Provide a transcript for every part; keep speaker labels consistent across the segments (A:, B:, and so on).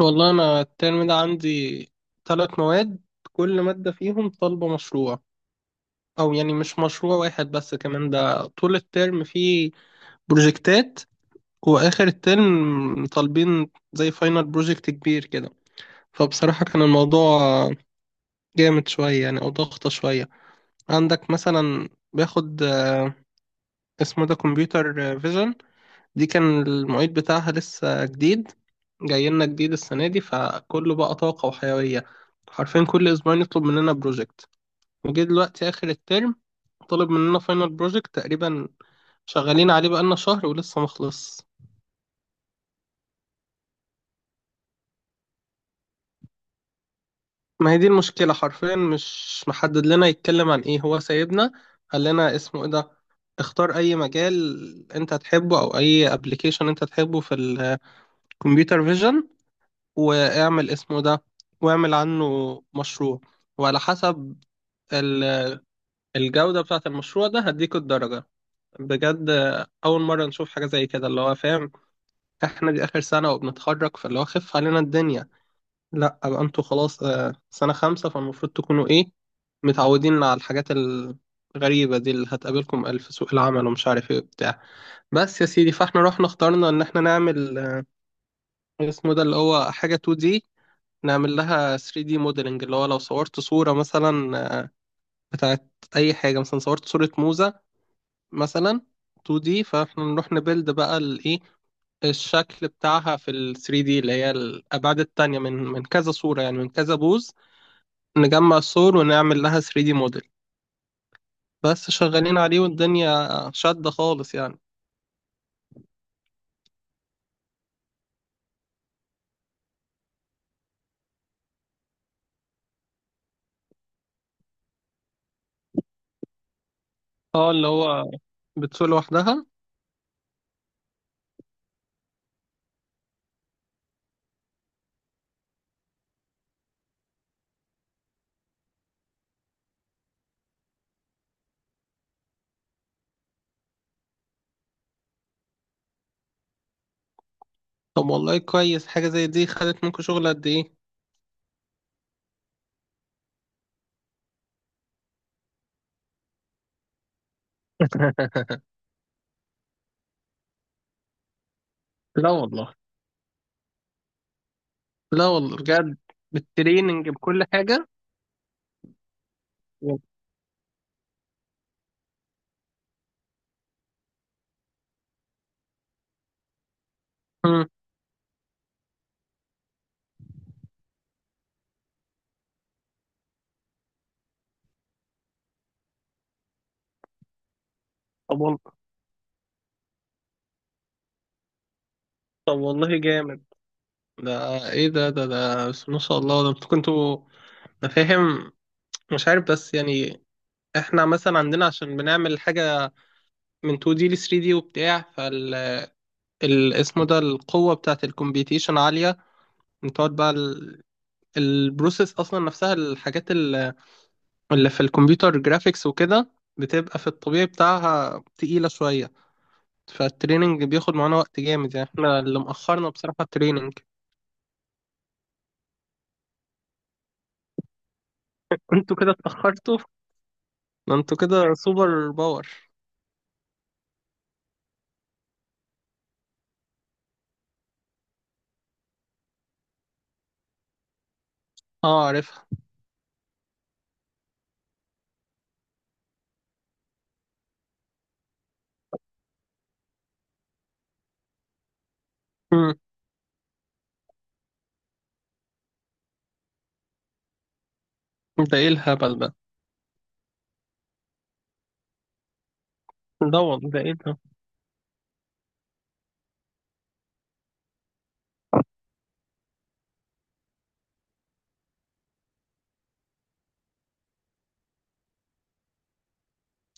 A: والله أنا الترم ده عندي ثلاث مواد. كل مادة فيهم طالبة مشروع، أو يعني مش مشروع واحد بس، كمان ده طول الترم فيه بروجكتات، وآخر الترم طالبين زي فاينل بروجكت كبير كده. فبصراحة كان الموضوع جامد شوية يعني، أو ضغطة شوية. عندك مثلا باخد اسمه ده كمبيوتر فيجن. دي كان المعيد بتاعها لسه جديد، جاي لنا جديد السنة دي، فكله بقى طاقة وحيوية. حرفيا كل أسبوعين يطلب مننا بروجكت. وجه دلوقتي آخر الترم طلب مننا فاينل بروجكت، تقريبا شغالين عليه بقالنا شهر ولسه مخلص. ما هي دي المشكلة، حرفيا مش محدد لنا يتكلم عن ايه، هو سايبنا قال لنا اسمه ايه ده، اختار اي مجال انت تحبه او اي ابلكيشن انت تحبه في الكمبيوتر فيجن، واعمل اسمه ده، واعمل عنه مشروع، وعلى حسب ال- الجودة بتاعة المشروع ده هديك الدرجة. بجد أول مرة نشوف حاجة زي كده، اللي هو فاهم احنا دي آخر سنة وبنتخرج، فاللي هو خف علينا الدنيا، لا أبقى انتوا خلاص سنة خمسة، فالمفروض تكونوا ايه متعودين على الحاجات الغريبة دي اللي هتقابلكم ألف سوق العمل ومش عارف ايه بتاع. بس يا سيدي، فاحنا رحنا اخترنا ان احنا نعمل اسمه ده اللي هو حاجة 2D، نعمل لها 3D موديلنج. اللي هو لو صورت صورة مثلا بتاعت أي حاجة، مثلا صورت صورة موزة مثلا 2D، فاحنا نروح نبيلد بقى الإيه، الشكل بتاعها في ال 3D، اللي هي الأبعاد التانية، من كذا صورة، يعني من كذا بوز، نجمع الصور ونعمل لها 3D موديل. بس شغالين عليه والدنيا شادة خالص يعني. اه، اللي هو بتسوق لوحدها. طب والله كويس، حاجة زي دي خدت منكم شغل قد إيه؟ لا والله. لا والله بجد. بالتريننج بكل حاجة. و- مم. طب والله. طب والله جامد. ده ايه ده بس ما شاء الله، ده انتوا كنتوا، انا فاهم، مش عارف بس يعني احنا مثلا عندنا عشان بنعمل حاجة من 2D ل 3D وبتاع، فال اسمه ده القوة بتاعة الكمبيوتيشن عالية. بتقعد بقى ال... البروسيس اصلا نفسها، الحاجات اللي في الكمبيوتر جرافيكس وكده بتبقى في الطبيعي بتاعها تقيلة شوية. فالتريننج بياخد معانا وقت جامد، يعني احنا اللي مأخرنا بصراحة التريننج. انتوا كده اتأخرتوا. ده انتوا كده سوبر باور. اه، عارفها. مم. ده ايه الهبل ده. ده والله، ده ايه ده.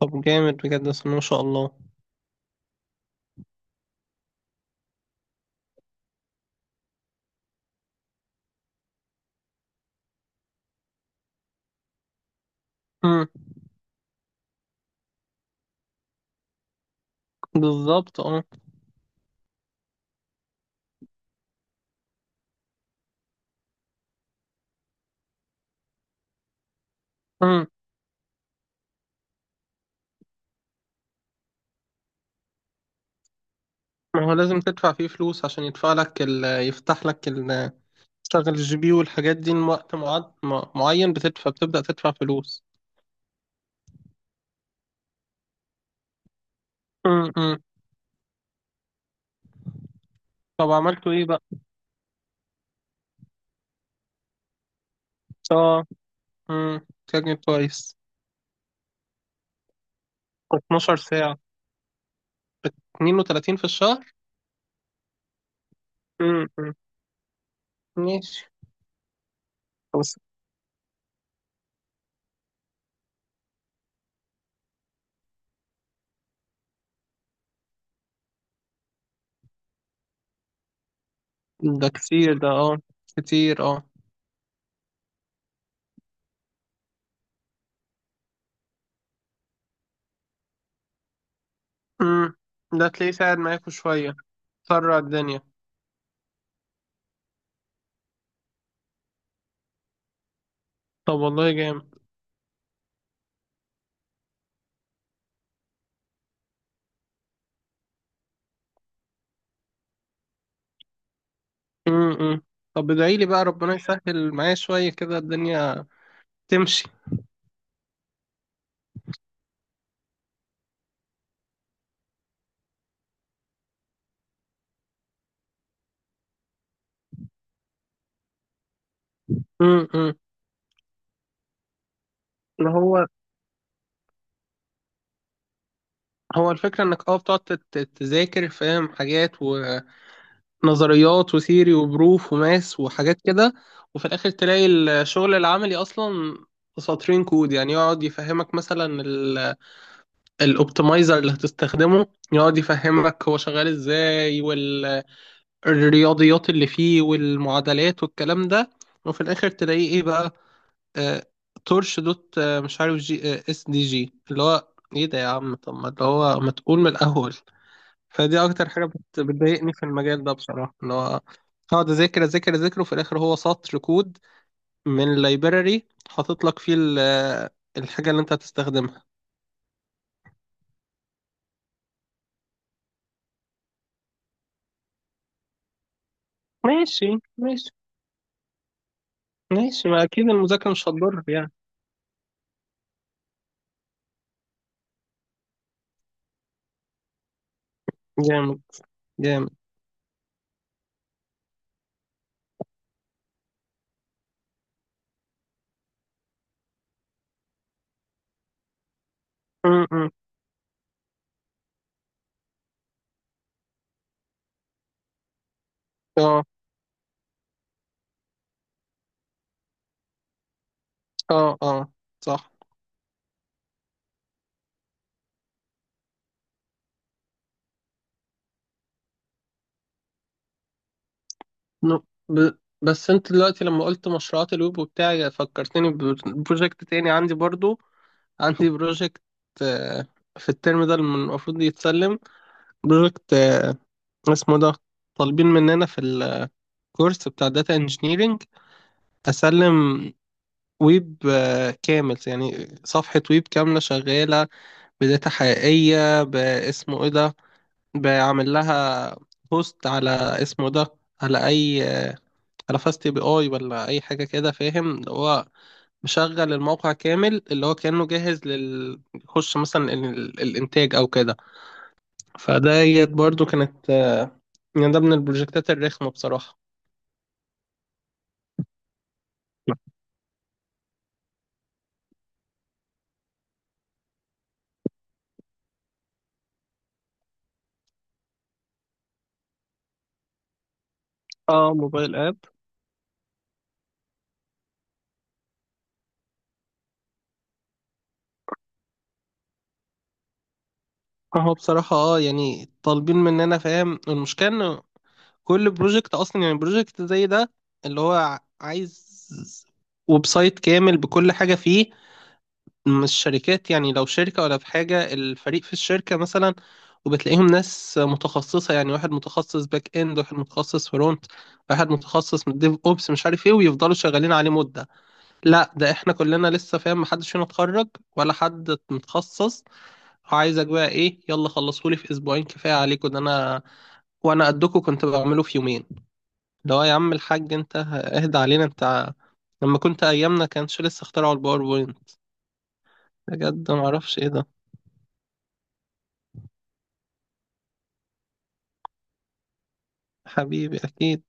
A: طب جامد بجد، بس ما شاء الله. مم. بالظبط اه. مم. ما هو لازم تدفع فيه فلوس عشان يدفع لك ال... يفتح لك، ال... تشتغل الجي بي والحاجات دي وقت معين، بتدفع، بتبدأ تدفع فلوس. مم. مم. طب عملتوا ايه بقى؟ اه. مم. كان كويس. 12 ساعة. 32 في الشهر. امم. ماشي. بس ده كتير ده، اه. كتير اه. امم. ده تلاقيه ساعد معاكوا شوية، سرع الدنيا. طب والله جامد. امم. طب ادعي لي بقى ربنا يسهل معايا شوية كده الدنيا تمشي. امم. اللي هو، هو الفكرة انك اه، بتقعد تذاكر، فاهم، حاجات ونظريات وثيري وبروف وماس وحاجات كده، وفي الاخر تلاقي الشغل العملي اصلا سطرين كود، يعني يقعد يفهمك مثلا الاوبتمايزر اللي هتستخدمه، يقعد يفهمك هو شغال ازاي، والرياضيات اللي فيه والمعادلات والكلام ده، وفي الاخر تلاقيه ايه بقى، آه تورش دوت مش عارف جي اس دي جي، اللي هو ايه ده يا عم، طب ما اللي هو ما تقول من الاول. فدي اكتر حاجه بتضايقني في المجال ده بصراحه، اللي هو اقعد اذاكر اذاكر اذاكر، وفي الاخر هو سطر كود من library حاطط لك فيه الحاجه اللي انت هتستخدمها. ماشي، ماشي، ماشي، ما اكيد المذاكره مش هتضر يعني. جامد جامد. م- م. اه، اه، اه، صح. ن- ب... بس انت دلوقتي لما قلت مشروعات الويب وبتاع، فكرتني ببروجكت تاني عندي برضو. عندي بروجكت آه، في الترم ده المفروض يتسلم بروجكت اسمه ده، طالبين مننا في الكورس بتاع داتا انجينيرينج، اسلم ويب كامل، يعني صفحة ويب كاملة شغالة بداتا حقيقية باسمه ايه ده، بعمل لها بوست على اسمه ده، على اي، على فاست بي اي ولا اي حاجه كده، فاهم، اللي هو مشغل الموقع كامل، اللي هو كانه جاهز لل يخش مثلا الانتاج او كده. فديت برضو كانت يعني ده من البروجكتات الرخمه بصراحه. اه، موبايل اب. هو بصراحه اه، يعني طالبين مننا، فاهم المشكله، انه كل بروجكت اصلا، يعني بروجكت زي ده اللي هو عايز ويب سايت كامل بكل حاجه فيه. مش شركات يعني، لو شركة ولا في حاجة الفريق في الشركة مثلا، وبتلاقيهم ناس متخصصة يعني، واحد متخصص باك اند، واحد متخصص فرونت، واحد متخصص من ديف اوبس مش عارف ايه، ويفضلوا شغالين عليه مدة. لا، ده احنا كلنا لسه، فاهم، محدش فينا اتخرج ولا حد متخصص، وعايزك بقى ايه، يلا خلصهولي في اسبوعين، كفاية عليكم ده، انا وانا قدكم كنت بعمله في يومين، لو يا عم الحاج انت اهدى علينا انت، لما كنت ايامنا كانش لسه اخترعوا الباوربوينت، بجد ما اعرفش ايه ده. حبيبي أكيد.